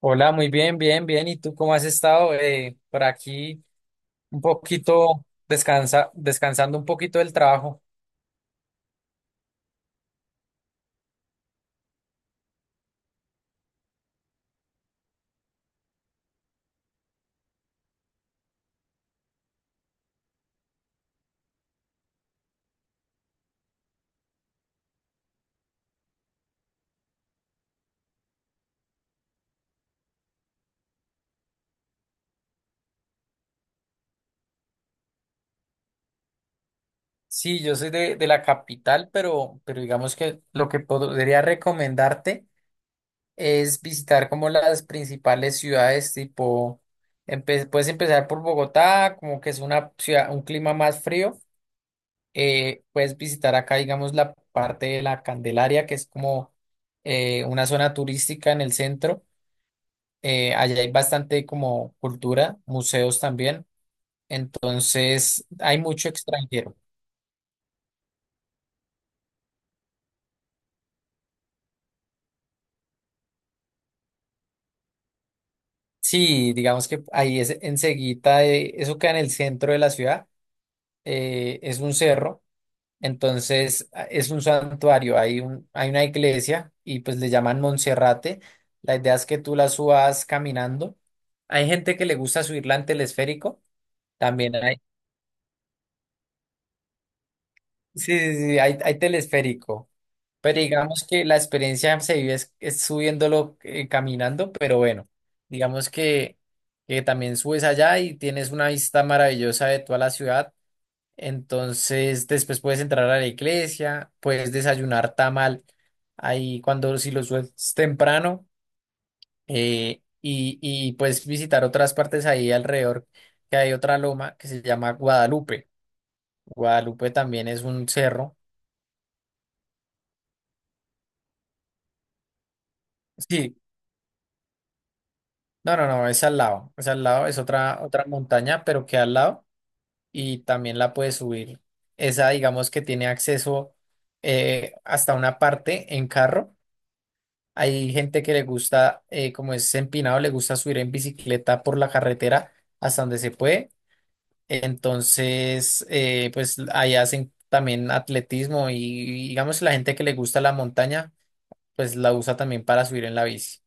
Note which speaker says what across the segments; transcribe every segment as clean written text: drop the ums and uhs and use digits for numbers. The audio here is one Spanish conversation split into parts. Speaker 1: Hola, muy bien, bien. ¿Y tú cómo has estado? Por aquí un poquito descansando un poquito del trabajo. Sí, yo soy de la capital, pero digamos que lo que podría recomendarte es visitar como las principales ciudades, tipo, puedes empezar por Bogotá, como que es una ciudad, un clima más frío. Puedes visitar acá, digamos, la parte de la Candelaria, que es como una zona turística en el centro, allá hay bastante como cultura, museos también, entonces hay mucho extranjero. Sí, digamos que ahí es enseguida, eso queda en el centro de la ciudad, es un cerro, entonces es un santuario, hay hay una iglesia y pues le llaman Monserrate, la idea es que tú la subas caminando, hay gente que le gusta subirla en telesférico, también hay, sí, hay telesférico. Pero digamos que la experiencia se vive es subiéndolo caminando, pero bueno, digamos que, que también subes allá y tienes una vista maravillosa de toda la ciudad. Entonces, después puedes entrar a la iglesia, puedes desayunar tamal ahí cuando si lo subes temprano, y puedes visitar otras partes ahí alrededor, que hay otra loma que se llama Guadalupe. Guadalupe también es un cerro. Sí, no, es al lado, es al lado, es otra montaña, pero que al lado y también la puedes subir. Esa, digamos que tiene acceso hasta una parte en carro. Hay gente que le gusta, como es empinado, le gusta subir en bicicleta por la carretera hasta donde se puede. Entonces, pues ahí hacen también atletismo y digamos si la gente que le gusta la montaña, pues la usa también para subir en la bici.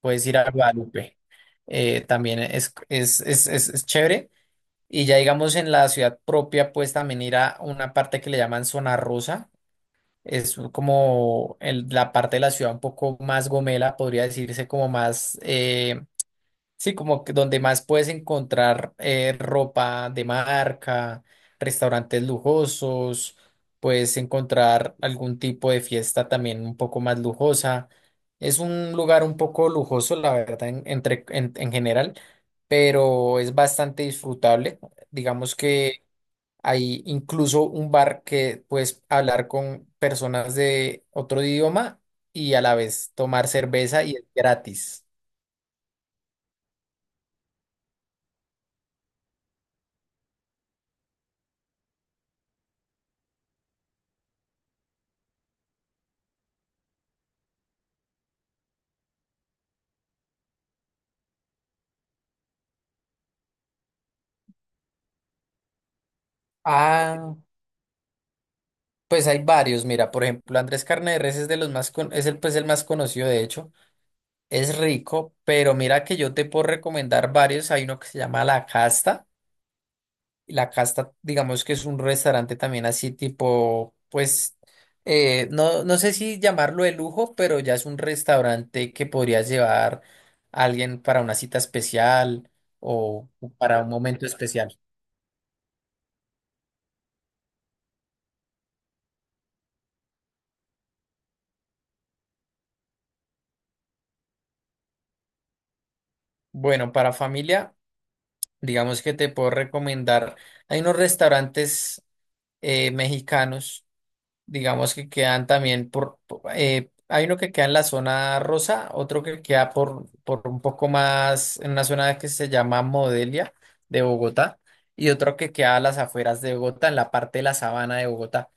Speaker 1: Puedes ir a Guadalupe. También es chévere. Y ya digamos en la ciudad propia, pues también ir a una parte que le llaman Zona Rosa. Es como la parte de la ciudad un poco más gomela, podría decirse como más, sí, como que donde más puedes encontrar ropa de marca, restaurantes lujosos, puedes encontrar algún tipo de fiesta también un poco más lujosa. Es un lugar un poco lujoso, la verdad, en general, pero es bastante disfrutable. Digamos que hay incluso un bar que puedes hablar con personas de otro idioma y a la vez tomar cerveza y es gratis. Ah, pues hay varios, mira, por ejemplo, Andrés Carne de Res es de los más es el pues el más conocido de hecho, es rico, pero mira que yo te puedo recomendar varios, hay uno que se llama La Casta, La Casta, digamos que es un restaurante también así tipo pues, no sé si llamarlo de lujo, pero ya es un restaurante que podrías llevar a alguien para una cita especial o para un momento especial. Bueno, para familia digamos que te puedo recomendar. Hay unos restaurantes mexicanos, digamos que quedan también hay uno que queda en la zona rosa, otro que queda por un poco más, en una zona que se llama Modelia de Bogotá, y otro que queda a las afueras de Bogotá, en la parte de la sabana de Bogotá,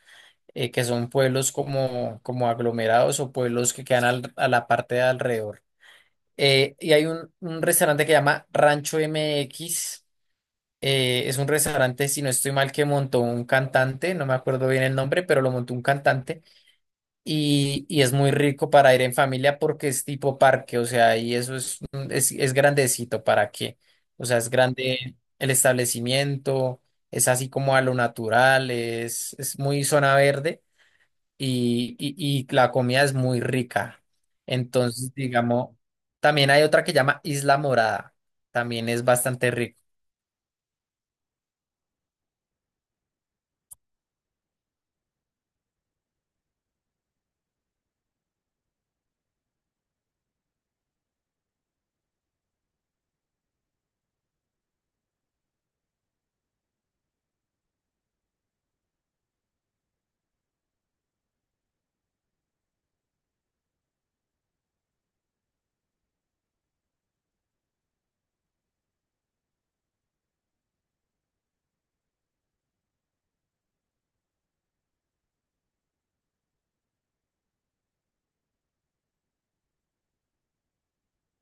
Speaker 1: que son pueblos como, como aglomerados o pueblos que quedan a la parte de alrededor. Un restaurante que llama Rancho MX, es un restaurante, si no estoy mal, que montó un cantante, no me acuerdo bien el nombre, pero lo montó un cantante, y es muy rico para ir en familia porque es tipo parque, o sea, y eso es, es grandecito, ¿para qué? O sea, es grande el establecimiento, es así como a lo natural, es muy zona verde y, y, y la comida es muy rica. Entonces, digamos, también hay otra que llama Isla Morada, también es bastante rica.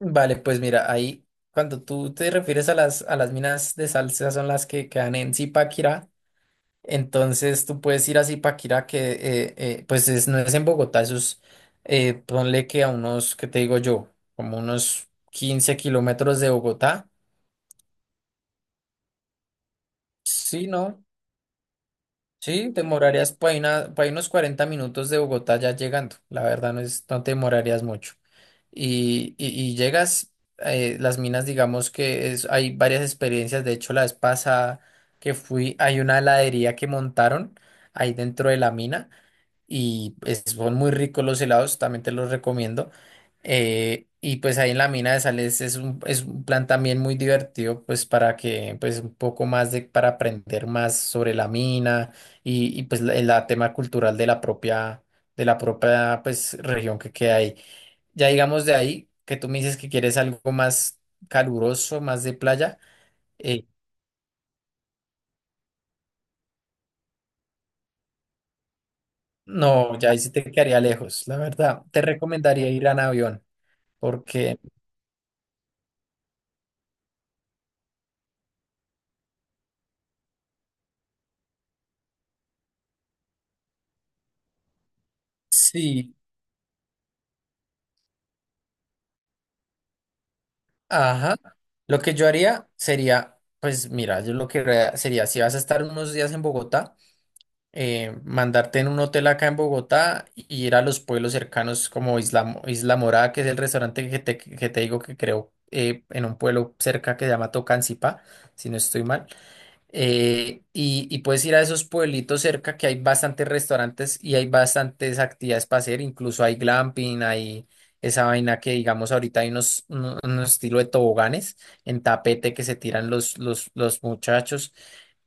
Speaker 1: Vale, pues mira, ahí cuando tú te refieres a a las minas de sal, esas son las que quedan en Zipaquirá, entonces tú puedes ir a Zipaquirá que pues no es en Bogotá, eso es, ponle que a unos, ¿qué te digo yo? Como unos 15 kilómetros de Bogotá. Sí, ¿no? Sí, te demorarías por ahí, por ahí unos 40 minutos de Bogotá ya llegando. La verdad no no te demorarías mucho. Y llegas, las minas, digamos que es, hay varias experiencias. De hecho, la vez pasada que fui, hay una heladería que montaron ahí dentro de la mina y son muy ricos los helados, también te los recomiendo. Y pues ahí en la mina de sales es un plan también muy divertido, pues para que, pues un poco más de, para aprender más sobre la mina pues la tema cultural de la propia, pues región que queda ahí. Ya digamos de ahí, que tú me dices que quieres algo más caluroso, más de playa, eh, no, ya ahí sí te quedaría lejos, la verdad. Te recomendaría ir a Navión, porque sí. Ajá. Lo que yo haría sería, pues mira, yo lo que haría sería, si vas a estar unos días en Bogotá, mandarte en un hotel acá en Bogotá y ir a los pueblos cercanos como Isla, Isla Morada, que es el restaurante que que te digo que creo en un pueblo cerca que se llama Tocancipá, si no estoy mal. Y puedes ir a esos pueblitos cerca que hay bastantes restaurantes y hay bastantes actividades para hacer, incluso hay glamping, hay esa vaina que digamos ahorita hay unos estilo de toboganes en tapete que se tiran los muchachos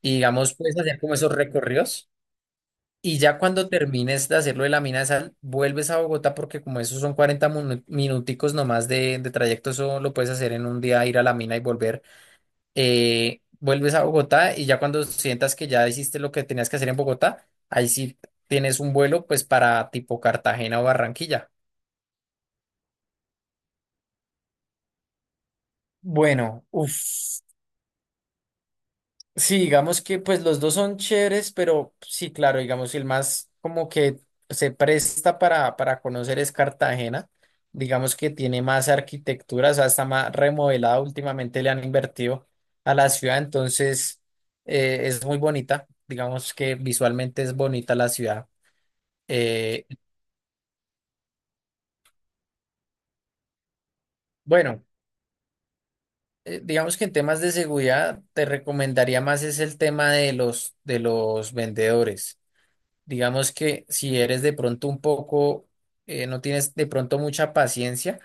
Speaker 1: y digamos puedes hacer como esos recorridos y ya cuando termines de hacerlo de la mina de sal, vuelves a Bogotá porque como esos son 40 minuticos nomás de trayecto, eso lo puedes hacer en un día, ir a la mina y volver, vuelves a Bogotá y ya cuando sientas que ya hiciste lo que tenías que hacer en Bogotá, ahí sí tienes un vuelo pues para tipo Cartagena o Barranquilla. Bueno, uff, sí, digamos que pues los dos son chéveres, pero sí, claro, digamos el más como que se presta para conocer es Cartagena, digamos que tiene más arquitectura, o sea, está más remodelada, últimamente le han invertido a la ciudad, entonces es muy bonita, digamos que visualmente es bonita la ciudad. Eh, bueno, digamos que en temas de seguridad te recomendaría más es el tema de los vendedores. Digamos que si eres de pronto un poco, no tienes de pronto mucha paciencia,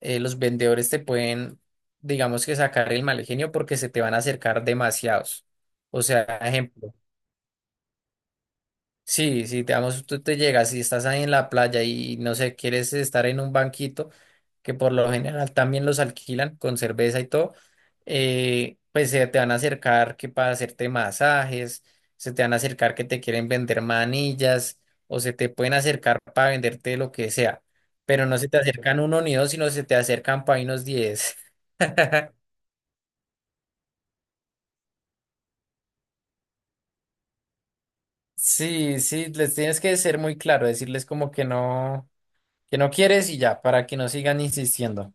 Speaker 1: los vendedores te pueden, digamos que sacar el mal genio porque se te van a acercar demasiados. O sea, ejemplo. Sí, digamos, tú te llegas y estás ahí en la playa y no sé, quieres estar en un banquito, que por lo general también los alquilan con cerveza y todo, pues se te van a acercar que para hacerte masajes, se te van a acercar que te quieren vender manillas o se te pueden acercar para venderte lo que sea, pero no se te acercan uno ni dos, sino se te acercan para unos 10. Sí, sí, les tienes que ser muy claro, decirles como que no quieres y ya, para que no sigan insistiendo.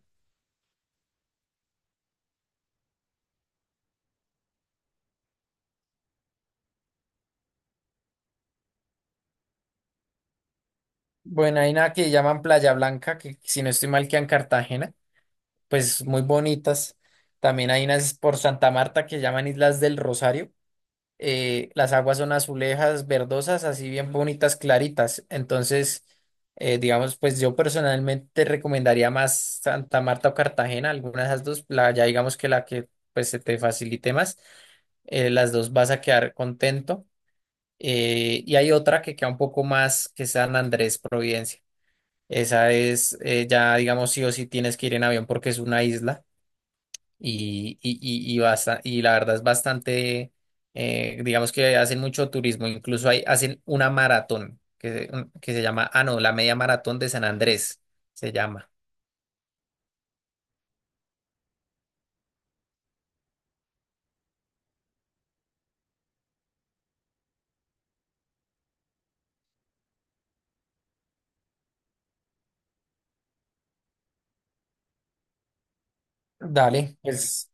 Speaker 1: Bueno, hay una que llaman Playa Blanca, que si no estoy mal queda en Cartagena, pues muy bonitas. También hay unas por Santa Marta que llaman Islas del Rosario. Las aguas son azulejas, verdosas, así bien bonitas, claritas. Entonces, digamos, pues yo personalmente te recomendaría más Santa Marta o Cartagena, alguna de esas dos, ya digamos que la que pues se te facilite más, las dos vas a quedar contento. Y hay otra que queda un poco más, que es San Andrés, Providencia. Esa es, ya digamos, sí o sí tienes que ir en avión porque es una isla y y la verdad es bastante, digamos que hacen mucho turismo, incluso hay, hacen una maratón que, que se llama, ah, no, la media maratón de San Andrés se llama. Dale, pues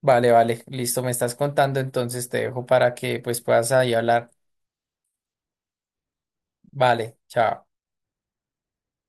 Speaker 1: vale, vale, listo, me estás contando, entonces te dejo para que pues puedas ahí hablar. Vale, chao.